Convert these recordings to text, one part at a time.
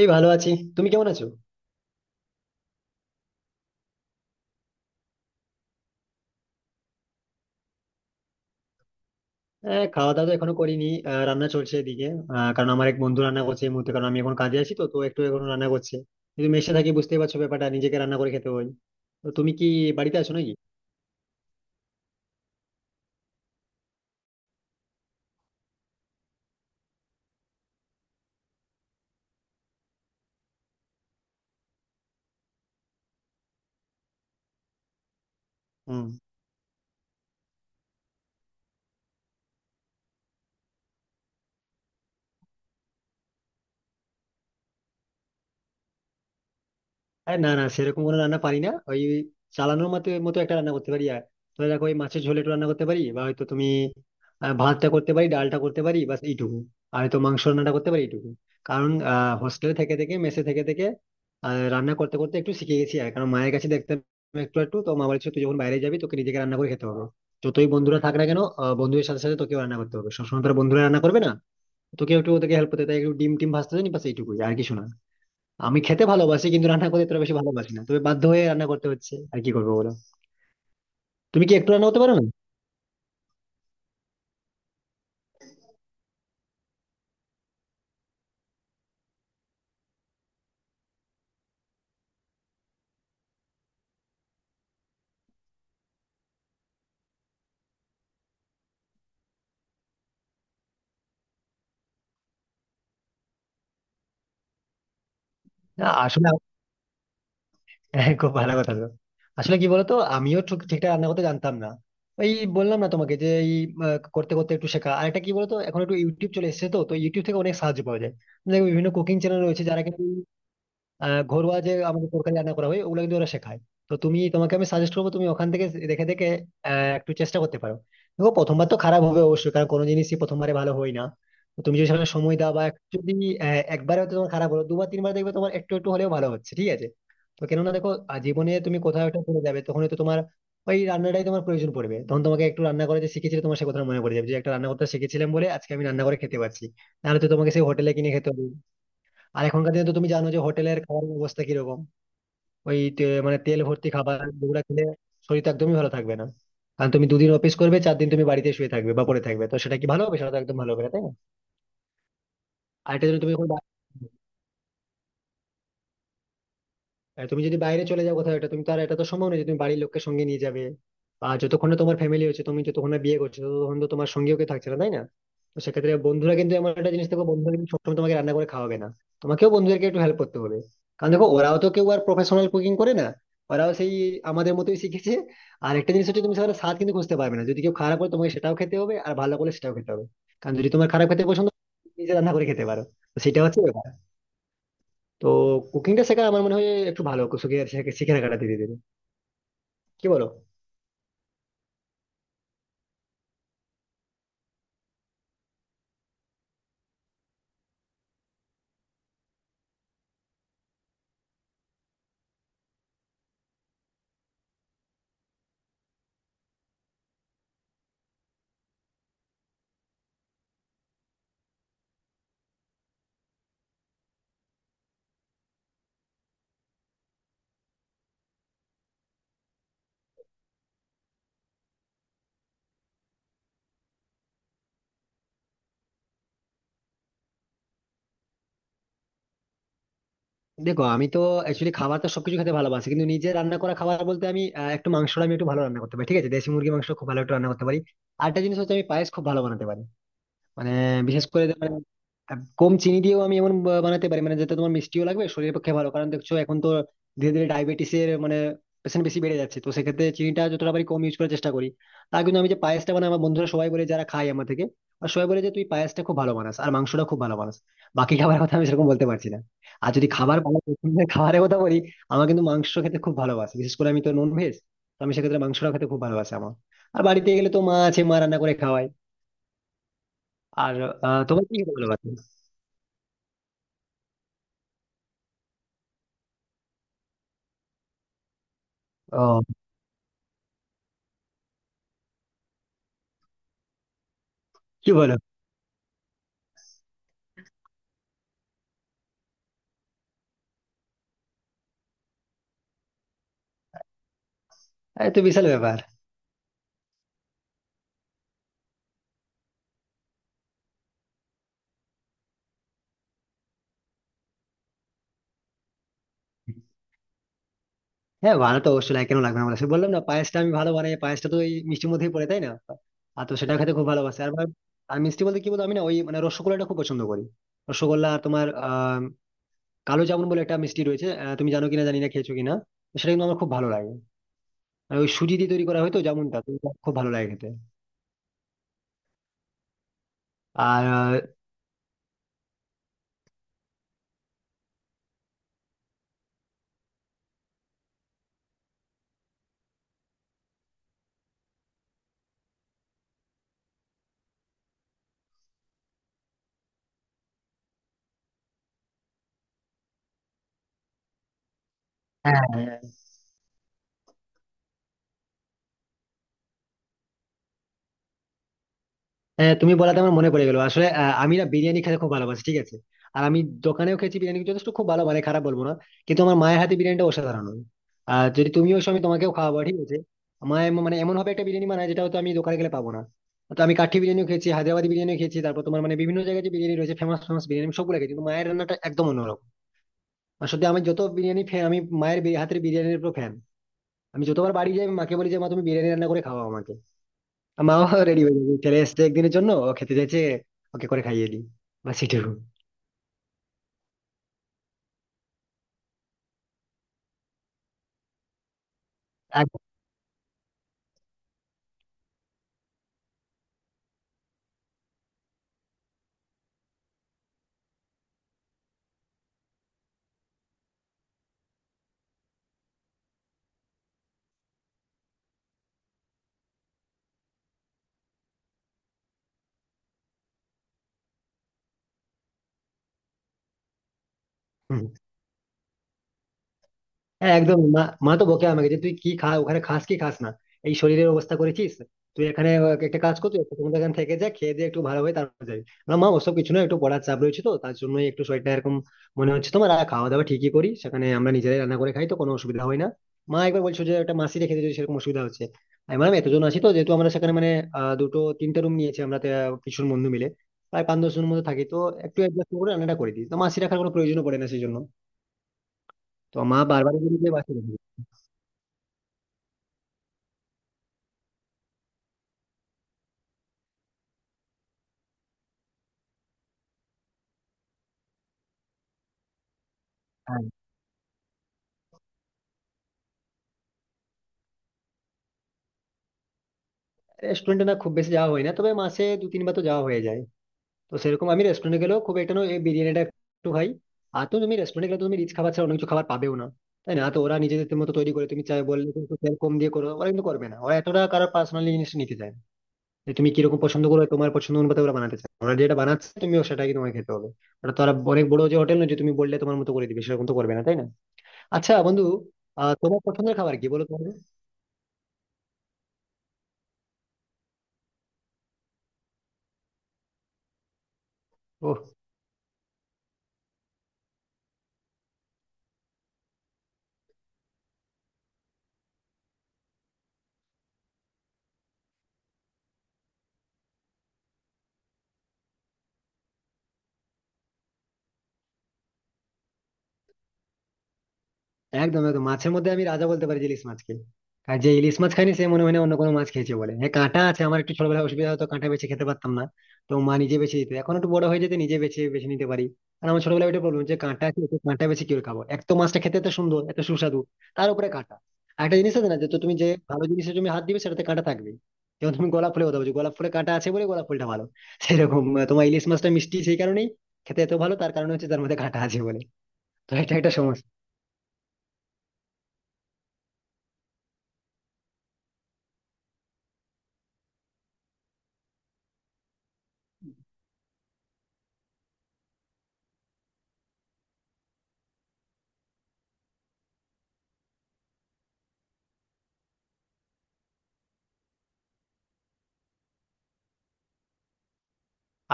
এই ভালো আছি। তুমি কেমন আছো? হ্যাঁ, খাওয়া দাওয়া তো এখনো করিনি, রান্না চলছে এদিকে। কারণ আমার এক বন্ধু রান্না করছে এই মুহূর্তে, কারণ আমি এখন কাজে আছি তো তো একটু এখন রান্না করছে। কিন্তু মেসে থাকি, বুঝতেই পারছো ব্যাপারটা, নিজেকে রান্না করে খেতে হয়। তো তুমি কি বাড়িতে আছো নাকি? হুম। আরে না না, সেরকম কোনো রান্না পারি না, ওই চালানোর মতো মতো একটা রান্না করতে পারি আর, ধরে রাখো, ওই মাছের ঝোল একটু রান্না করতে পারি, বা হয়তো তুমি, ভাতটা করতে পারি, ডালটা করতে পারি, বাস এইটুকু। আর হয়তো মাংস রান্নাটা করতে পারি এইটুকু। কারণ হোস্টেলে থেকে থেকে, মেসে থেকে থেকে, আহ, রান্না করতে করতে একটু শিখে গেছি আর, কারণ মায়ের কাছে দেখতাম একটু একটু। তো মা বলছে, তুই যখন বাইরে যাবি, তোকে নিজেকে রান্না করে খেতে হবে, যতই বন্ধুরা থাক না কেন, বন্ধুদের সাথে সাথে তোকেও রান্না করতে হবে, সবসময় তোর বন্ধুরা রান্না করবে না, তোকে একটু ওদেরকে হেল্প করতে হয়। তাই একটু ডিম টিম ভাজতে জানি, বাস এইটুকুই, আর কিছু না। আমি খেতে ভালোবাসি কিন্তু রান্না করতে এতটা বেশি ভালোবাসি না, তবে বাধ্য হয়ে রান্না করতে হচ্ছে, আর কি করবো বলো। তুমি কি একটু রান্না করতে পারো না? না, আসলে হ্যাঁ, খুব ভালো কথা তো। আসলে কি বলতো, আমিও ঠিকঠাক রান্না করতে জানতাম না, ওই বললাম না তোমাকে যে এই করতে করতে একটু শেখা। আর এটা কি বলতো, এখন একটু ইউটিউব চলে এসেছে, তো তো ইউটিউব থেকে অনেক সাহায্য পাওয়া যায়। দেখো, বিভিন্ন কুকিং চ্যানেল রয়েছে যারা কিন্তু ঘরোয়া যে আমাদের তরকারি রান্না করা হয়, ওগুলো কিন্তু ওরা শেখায়। তো তুমি, তোমাকে আমি সাজেস্ট করবো, তুমি ওখান থেকে দেখে দেখে একটু চেষ্টা করতে পারো। দেখো, প্রথমবার তো খারাপ হবে অবশ্যই, কারণ কোনো জিনিসই প্রথমবারে ভালো হয় না। তো তুমি যদি সেখানে সময় দাও, বা একটু যদি, একবারে হয়তো তোমার খারাপ হলো, দুবার তিনবার দেখবে তোমার একটু একটু হলেও ভালো হচ্ছে, ঠিক আছে? তো কেননা দেখো, জীবনে তুমি কোথাও একটা চলে যাবে, তখন হয়তো তোমার ওই রান্নাটাই তোমার প্রয়োজন পড়বে, তখন তোমাকে একটু রান্না করে যে শিখেছিলে তোমার সে কথা মনে পড়ে যাবে, যে একটা রান্না করতে শিখেছিলাম বলে আজকে আমি রান্না করে খেতে পারছি। নাহলে তো তোমাকে সেই হোটেলে কিনে খেতে হবে। আর এখনকার দিনে তো তুমি জানো যে হোটেলের খাবারের অবস্থা কিরকম। ওই মানে তেল ভর্তি খাবার, যেগুলো খেলে শরীর তো একদমই ভালো থাকবে না। কারণ তুমি দুদিন অফিস করবে, চার দিন তুমি বাড়িতে শুয়ে থাকবে বা পড়ে থাকবে, তো সেটা কি ভালো হবে? সেটা তো একদম ভালো হবে না, তাই না? আর এটা জন্য তুমি এখন আর তুমি যদি বাইরে চলে যাও কোথাও, এটা তুমি তো আর, এটা তো সম্ভব নয় যে তুমি বাড়ির লোককে সঙ্গে নিয়ে যাবে। আর যতক্ষণ না তোমার ফ্যামিলি হচ্ছে, তুমি যতক্ষণ না বিয়ে করছো, ততক্ষণ তো তোমার সঙ্গেও কেউ থাকছে না, তাই না? তো সেক্ষেত্রে বন্ধুরা কিন্তু এমন একটা জিনিস, দেখো বন্ধুরা কিন্তু সবসময় তোমাকে রান্না করে খাওয়াবে না, তোমাকেও বন্ধুদেরকে একটু হেল্প করতে হবে। কারণ দেখো, ওরাও তো কেউ আর প্রফেশনাল কুকিং করে না, ওরাও সেই আমাদের মতোই শিখেছে। আর একটা জিনিস হচ্ছে, তুমি সেখানে স্বাদ কিন্তু খুঁজতে পারবে না, যদি কেউ খারাপ করে তোমাকে সেটাও খেতে হবে আর ভালো করে সেটাও খেতে হবে। কারণ যদি তোমার খারাপ খেতে পছন্দ, নিজে রান্না করে খেতে পারো, তো সেটা হচ্ছে ব্যাপার। তো কুকিংটা শেখা আমার মনে হয় একটু ভালো, শিখে শিখে রাখাটা ধীরে ধীরে, কি বলো? দেখো, আমি তো অ্যাকচুয়ালি খাবার তো সবকিছু খেতে ভালোবাসি, কিন্তু নিজে রান্না করা খাবার বলতে আমি, একটু মাংসটা আমি একটু ভালো রান্না করতে পারি, ঠিক আছে? দেশি মুরগি মাংস খুব ভালো একটু রান্না করতে পারি। আর একটা জিনিস হচ্ছে, আমি পায়েস খুব ভালো বানাতে পারি। মানে বিশেষ করে যে মানে, কম চিনি দিয়েও আমি এমন বানাতে পারি মানে, যাতে তোমার মিষ্টিও লাগবে, শরীরের পক্ষে ভালো। কারণ দেখছো এখন তো ধীরে ধীরে ডায়াবেটিসের মানে পেশেন্ট বেশি বেড়ে যাচ্ছে, তো সেক্ষেত্রে চিনিটা যতটা পারি কম ইউজ করার চেষ্টা করি। তা কিন্তু আমি যে পায়েসটা বানাই, আমার বন্ধুরা সবাই বলে যারা খায় আমার থেকে, আর সবাই বলে যে তুই পায়েসটা খুব ভালো বানাস আর মাংসটা খুব ভালো বানাস, বাকি খাবার কথা আমি সেরকম বলতে পারছি না। আর যদি খাবার, ভালো পছন্দের খাবারের কথা বলি, আমার কিন্তু মাংস খেতে খুব ভালোবাসে, বিশেষ করে আমি তো নন ভেজ। তো আমি সেক্ষেত্রে মাংসটা খেতে খুব ভালোবাসে আমার। আর বাড়িতে গেলে তো মা আছে, মা রান্না করে খাওয়ায়। আর তোমার কি খেতে ভালো লাগে? ও, কি বলো, আরে তো বিশাল ব্যাপার। হ্যাঁ, বানাতে অবশ্যই লাগে, কেন লাগবে না বলো, সে বললাম না, পায়েসটা আমি ভালো বানাই, পায়েসটা তো ওই মিষ্টির মধ্যেই পড়ে, তাই না? আর তো সেটা খেতে খুব ভালোবাসে আর আর মিষ্টি বলতে কি বলতো, আমি না ওই মানে রসগোল্লাটা খুব পছন্দ করি। রসগোল্লা আর তোমার কালো জামুন বলে একটা মিষ্টি রয়েছে, তুমি জানো কিনা জানি না, খেয়েছো কিনা, তো সেটা কিন্তু আমার খুব ভালো লাগে। আর ওই সুজি দিয়ে তৈরি করা হয় তো জামুনটা, তো ওটা খুব ভালো লাগে খেতে। আর আহ, হ্যাঁ, হ্যাঁ, তুমি বলাতে আমার মনে পড়ে গেলো আসলে, আমি না বিরিয়ানি খেতে খুব ভালোবাসি, ঠিক আছে? আর আমি দোকানেও খেয়েছি বিরিয়ানি, যথেষ্ট খুব ভালো মানে, খারাপ বলবো না। কিন্তু আমার মায়ের হাতে বিরিয়ানিটা অসাধারণ হয়। আর যদি তুমিও এসো, আমি তোমাকেও খাওয়াবো, ঠিক আছে? মায়ের মানে এমন ভাবে একটা বিরিয়ানি বানায়, যেটা হয়তো আমি দোকানে গেলে পাবো না। তো আমি কাঠি বিরিয়ানিও খেয়েছি, হায়দ্রাবাদি বিরিয়ানিও খেয়েছি, তারপর তোমার মানে বিভিন্ন জায়গায় যে বিরিয়ানি রয়েছে, ফেমাস ফেমাস বিরিয়ানি আমি সবগুলো খেয়েছি, কিন্তু মায়ের রান্নাটা একদম অন্যরকম। আসলে আমি যত বিরিয়ানি ফ্যান, আমি মায়ের হাতের বিরিয়ানির উপর ফ্যান। আমি যতবার বাড়ি যাই, আমি মাকে বলি যে মা, তুমি বিরিয়ানি রান্না করে খাওয়াও আমাকে। মাও রেডি হয়ে যাবে, চলে এসছে একদিনের জন্য, ও খেতে চাইছে, ওকে করে খাইয়ে দিই, বাস এটুকু। আর- হুম। হ্যাঁ, একদম। মা মা তো বকে আমাকে, যে তুই কি খা ওখানে, খাস কি খাস না, এই শরীরের অবস্থা করেছিস। তুই এখানে একটা কাজ কর, তুই একটু এখানে থেকে যা, খেয়ে দিয়ে একটু ভালো হয়ে তারপর যাবি। না মা, ওসব কিছু না, একটু পড়ার চাপ রয়েছে, তো তার জন্যই একটু শরীরটা এরকম মনে হচ্ছে তোমার। আর খাওয়া দাওয়া ঠিকই করি, সেখানে আমরা নিজেরাই রান্না করে খাই, তো কোনো অসুবিধা হয় না। মা একবার বলছো যে একটা মাসি রেখে দিয়ে, সেরকম অসুবিধা হচ্ছে। আমি বললাম, এতজন আছি তো যেহেতু আমরা সেখানে মানে, দুটো তিনটে রুম নিয়েছি আমরা, ভীষণ বন্ধু মিলে প্রায় পাঁচ দশ জনের মতো থাকি তো। একটু অ্যাডজাস্ট করে রান্নাটা করে দিই, তো মাসি রাখার কোনো প্রয়োজন পড়ে না সেই জন্য। তো মা বারবার বলি যে বাসি রেখে দিই। রেস্টুরেন্টে না, খুব বেশি যাওয়া হয় না, তবে মাসে দু তিনবার তো যাওয়া হয়ে যায়। তো সেরকম আমি রেস্টুরেন্টে গেলেও খুব একটা নয়, এই বিরিয়ানিটা একটু খাই। আর তো তুমি রেস্টুরেন্টে গেলে তো তুমি রিচ খাবার ছাড়া অন্য কিছু খাবার পাবেও না, তাই না? তো ওরা নিজেদের মতো তৈরি করে, তুমি চাই বললে কিন্তু তেল কম দিয়ে করো, ওরা কিন্তু করবে না, ওরা এতটা কারোর পার্সোনালি জিনিস নিতে চায় না। যে তুমি কিরকম পছন্দ করো, তোমার পছন্দ অনুপাতে ওরা বানাতে চায়, ওরা যেটা বানাচ্ছে তুমিও সেটাকে, তোমাকে খেতে হবে। ওটা তো আর অনেক বড় যে হোটেল না, যে তুমি বললে তোমার মতো করে দিবে, সেরকম তো করবে না, তাই না? আচ্ছা বন্ধু, তোমার পছন্দের খাবার কি বলো তোমার? একদম, একদম। মাছের মধ্যে আমি রাজা বলতে পারি যে ইলিশ মাছকে। আর যে ইলিশ মাছ খাইনি, সে মনে হয় না অন্য কোনো মাছ খেয়েছে বলে। হ্যাঁ, কাঁটা আছে, আমার একটু ছোটবেলায় অসুবিধা হতো, কাঁটা বেছে খেতে পারতাম না। তো মা নিজে বেছে দিত, এখন একটু বড় হয়ে যেতে নিজে বেছে বেছে নিতে পারি। আর আমার ছোটবেলায় ওইটা প্রবলেম যে কাঁটা আছে, তো কাঁটা বেছে কি করে খাবো, এক তো মাছটা খেতে এত সুন্দর এত সুস্বাদু, তার উপরে কাঁটা। আর একটা জিনিস আছে না, যে তো তুমি যে ভালো জিনিসে তুমি হাত দিবে, সেটাতে কাঁটা থাকবে। যেমন তুমি গোলাপ ফুলের কথা বলছো, গোলাপ ফুলে কাঁটা আছে বলে গোলাপ ফুলটা ভালো। সেরকম তোমার ইলিশ মাছটা মিষ্টি সেই কারণেই খেতে এত ভালো, তার কারণে হচ্ছে তার মধ্যে কাঁটা আছে বলে। তো এটা একটা সমস্যা।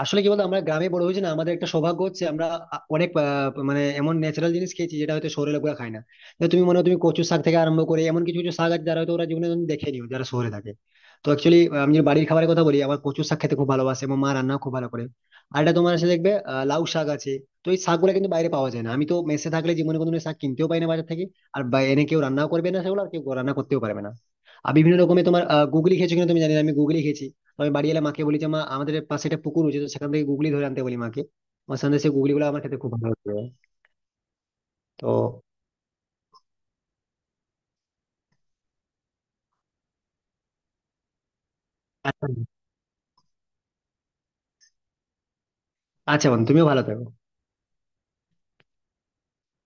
আসলে কি বলতো, আমরা গ্রামে বড় হয়েছি না, আমাদের একটা সৌভাগ্য হচ্ছে আমরা অনেক মানে এমন ন্যাচারাল জিনিস খেয়েছি, যেটা হয়তো শহরের লোকরা খায় না। তো তুমি মনে হয়, তুমি কচু শাক থেকে আরম্ভ করে এমন কিছু কিছু শাক আছে, যারা হয়তো ওরা জীবনে দেখে নিও, যারা শহরে থাকে। তো অ্যাকচুয়ালি আমি যদি বাড়ির খাবারের কথা বলি, আমার কচু শাক খেতে খুব ভালোবাসে, এবং মা রান্না খুব ভালো করে। আর এটা তোমার সাথে দেখবে, লাউ শাক আছে। তো এই শাকগুলো কিন্তু বাইরে পাওয়া যায় না, আমি তো মেসে থাকলে জীবনে কোনো দিন শাক কিনতেও পাই না বাজার থেকে। আর এনে কেউ রান্নাও করবে না সেগুলো, আর কেউ রান্না করতেও পারবে না। আর বিভিন্ন রকমের তোমার গুগলি খেয়েছো কিনা তুমি জানি না, আমি গুগলি খেয়েছি। তো আমি বাড়ি এলে মাকে বলি যে মা, আমাদের পাশে একটা পুকুর রয়েছে, তো সেখান থেকে গুগলি ধরে আনতে বলি মাকে। আমার সঙ্গে সেই গুগলি গুলো আমার খেতে খুব ভালো লাগে। তো আচ্ছা, আচ্ছা বোন, তুমিও ভালো থাকো।